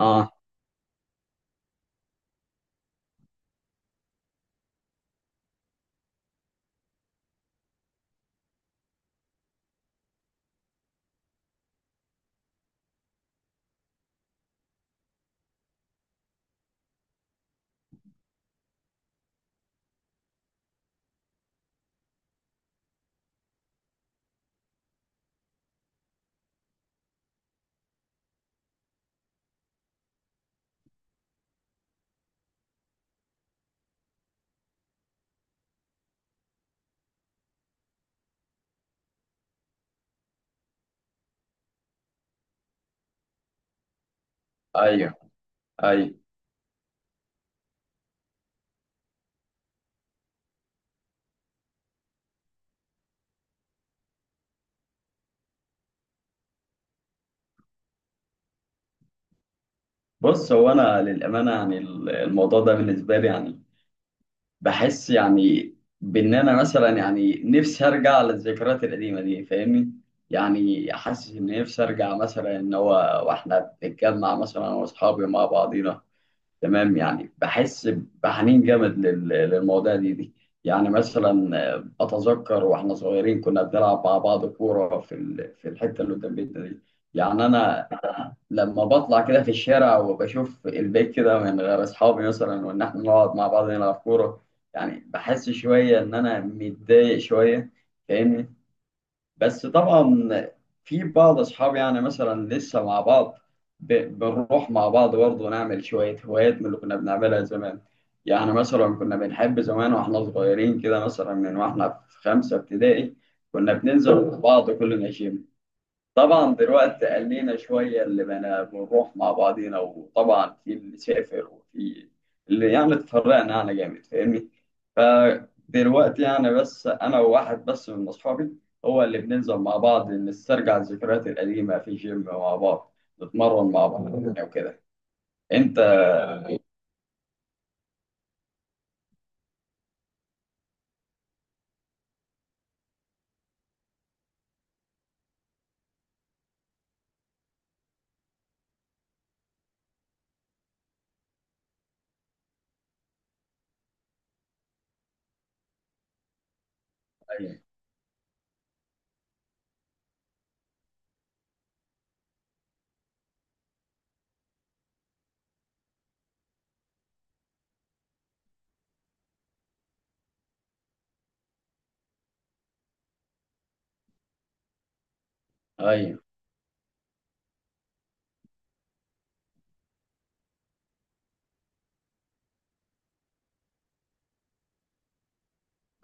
اه، ايوه، ايوه. بص، هو انا للامانه يعني الموضوع ده بالنسبه لي يعني بحس يعني بان انا مثلا يعني نفسي ارجع للذكريات القديمه دي، فاهمني؟ يعني حاسس ان نفسي ارجع مثلا ان هو واحنا بنتجمع مثلا انا واصحابي مع بعضينا، تمام؟ يعني بحس بحنين جامد للمواضيع دي. يعني مثلا اتذكر واحنا صغيرين كنا بنلعب مع بعض كوره في في الحته اللي قدام بيتنا دي. يعني انا لما بطلع كده في الشارع وبشوف البيت كده من غير اصحابي، مثلا وان احنا نقعد مع بعض نلعب كوره، يعني بحس شويه ان انا متضايق شويه، فاهمني؟ بس طبعا في بعض اصحابي يعني مثلا لسه مع بعض، بنروح مع بعض برضه نعمل شويه هوايات من اللي كنا بنعملها زمان. يعني مثلا كنا بنحب زمان واحنا صغيرين كده، مثلا من واحنا في خمسه ابتدائي كنا بننزل مع بعض كلنا جيم. طبعا دلوقتي قلينا شوية اللي بنا بنروح مع بعضينا، وطبعا في اللي سافر وفي اللي يعني اتفرقنا يعني جامد، فاهمني؟ فدلوقتي يعني بس أنا وواحد بس من أصحابي هو اللي بننزل مع بعض، نسترجع الذكريات القديمة في جيم مع بعض، نتمرن مع بعض يعني وكده. أنت، أيوه، أيوه،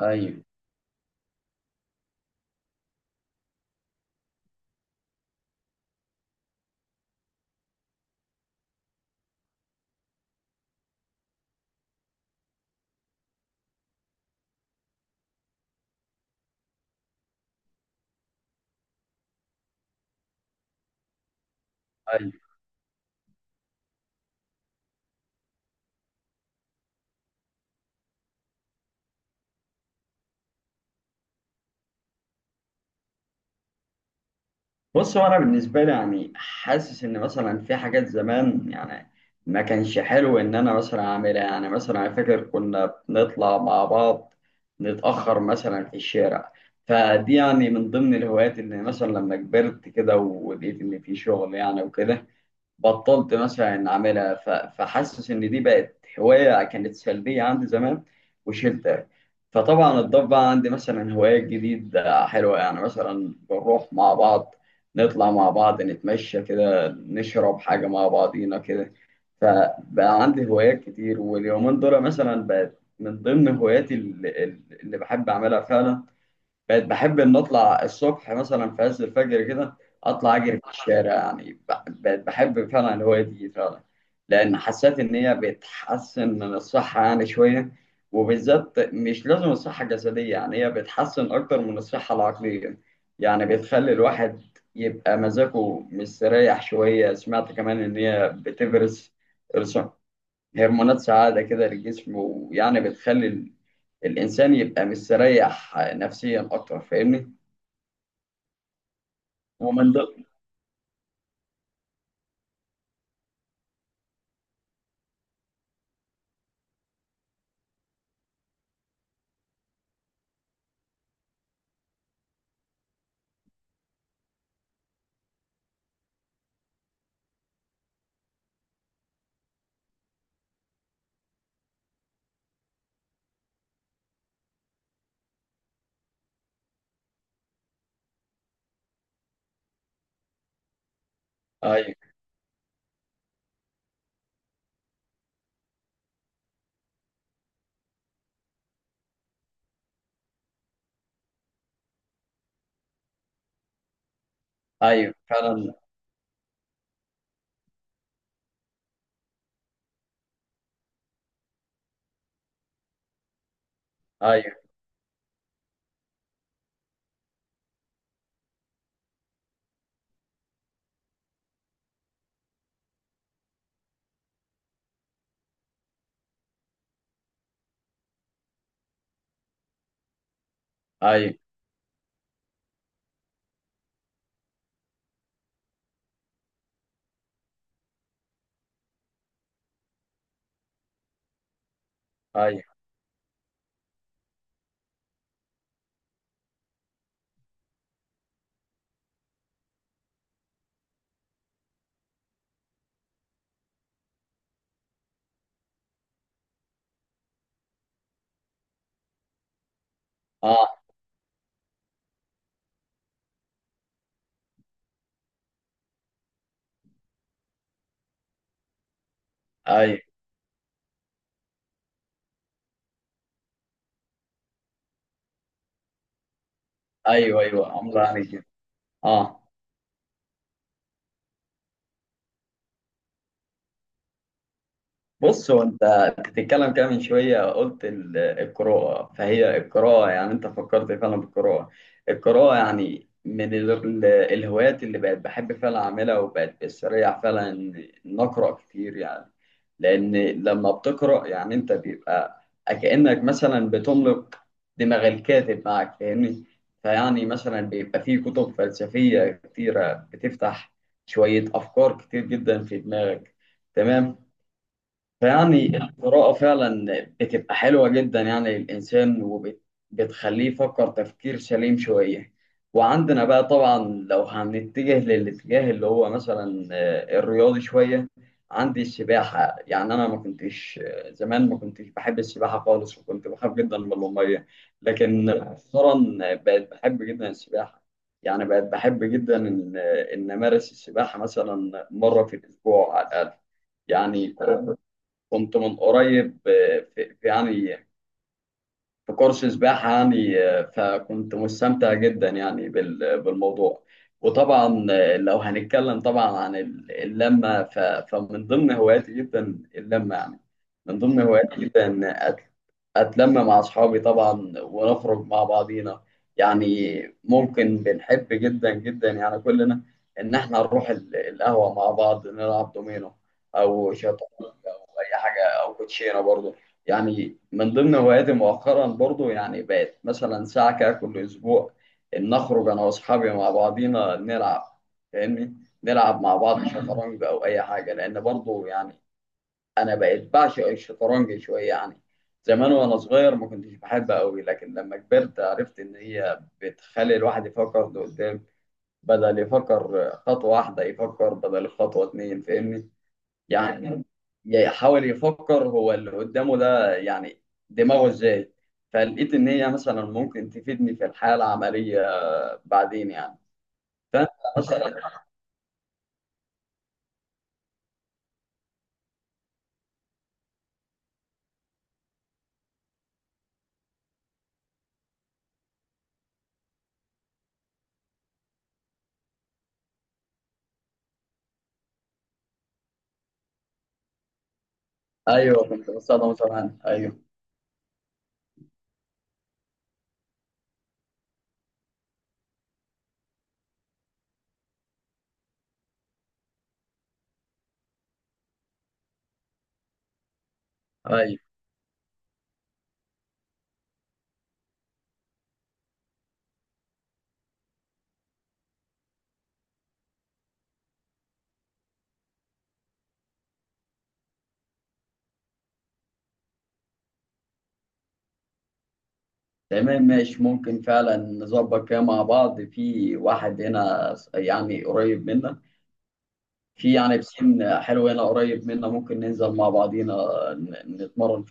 أيوه، أيوه. بص، هو انا بالنسبه لي يعني حاسس ان مثلا في حاجات زمان يعني ما كانش حلو ان انا مثلا اعملها. يعني مثلا انا فاكر كنا بنطلع مع بعض نتاخر مثلا في الشارع، فدي يعني من ضمن الهوايات اللي مثلا لما كبرت كده ولقيت ان في شغل يعني وكده، بطلت مثلا ان اعملها. فحاسس ان دي بقت هوايه كانت سلبيه عندي زمان، وشلتها. فطبعا اتضاف بقى عندي مثلا هوايات جديده حلوه، يعني مثلا بنروح مع بعض، نطلع مع بعض، نتمشى كده، نشرب حاجه مع بعضينا كده. فبقى عندي هوايات كتير، واليومين دول مثلا بقت من ضمن هواياتي اللي بحب اعملها فعلا. بقيت بحب ان اطلع الصبح مثلا في عز الفجر كده، اطلع اجري في الشارع. بقيت بحب فعلا الهوايه دي فعلا، لان حسيت ان هي بتحسن من الصحه يعني شويه. وبالذات مش لازم الصحه الجسديه، يعني هي بتحسن اكتر من الصحه العقليه. يعني بتخلي الواحد يبقى مزاجه مستريح شويه. سمعت كمان ان هي بتفرز هرمونات سعاده كده للجسم، ويعني بتخلي الانسان يبقى مستريح نفسيا اكتر، فاهمني؟ ومن ده، ايوه، ايوه فعلا، ايوه، ايوه، ايوه، اه، ايوه، ايوه، ايوه، عمرو عليك. اه، بص، هو أنت بتتكلم كده من شويه قلت القراءه. فهي القراءه يعني انت فكرت فعلا بالقراءه. القراءه يعني من الهوايات اللي بقت بحب فعلا اعملها، وبقت بستريح فعلا ان إن اقرا كتير يعني. لان لما بتقرا يعني انت بيبقى كانك مثلا بتملك دماغ الكاتب معك، فاهمني؟ فيعني مثلا بيبقى في كتب فلسفيه كتيره بتفتح شويه افكار كتير جدا في دماغك، تمام؟ فيعني القراءة فعلا بتبقى حلوة جدا يعني للإنسان، وبتخليه يفكر تفكير سليم شوية. وعندنا بقى طبعا، لو هنتجه للاتجاه اللي هو مثلا الرياضي شوية، عندي السباحة. يعني أنا ما كنتش زمان ما كنتش بحب السباحة خالص، وكنت بخاف جدا من المية. لكن مؤخرا بقيت بحب جدا السباحة. يعني بقيت بحب جدا إن إن أمارس السباحة مثلا مرة في الأسبوع على الأقل. يعني كنت من قريب في يعني في كورس سباحة يعني فكنت مستمتع جدا يعني بالموضوع. وطبعا لو هنتكلم طبعا عن اللمة، فمن ضمن هواياتي جدا اللمة يعني. من ضمن هواياتي جدا إن أتلم مع أصحابي طبعا، ونخرج مع بعضينا. يعني ممكن بنحب جدا جدا يعني كلنا إن إحنا نروح القهوة مع بعض، نلعب دومينو أو شطرنج أو أي حاجة أو كوتشينة برضه. يعني من ضمن هواياتي مؤخرا برضو يعني بقت مثلا ساعة كده كل أسبوع إن أخرج أنا وأصحابي مع بعضينا نلعب، فاهمني؟ نلعب مع بعض شطرنج أو أي حاجة، لأن برضو يعني أنا بقيت بعشق الشطرنج شوية. يعني زمان وأنا صغير ما كنتش بحبها أوي، لكن لما كبرت عرفت إن هي بتخلي الواحد يفكر لقدام، بدل يفكر خطوة واحدة يفكر بدل خطوة 2، فاهمني؟ يعني يحاول يفكر هو اللي قدامه ده يعني دماغه ازاي. فلقيت ان هي مثلا ممكن تفيدني في الحياه العمليه بعدين يعني. فانت مثلا، ايوه، كنت بستخدمه زمان، ايوه، ايوه، طيب. تمام، ماشي، ممكن فعلا نظبط كده مع بعض. في واحد هنا يعني قريب منا، في يعني بسين حلو هنا قريب منا، ممكن ننزل مع بعضينا نتمرن.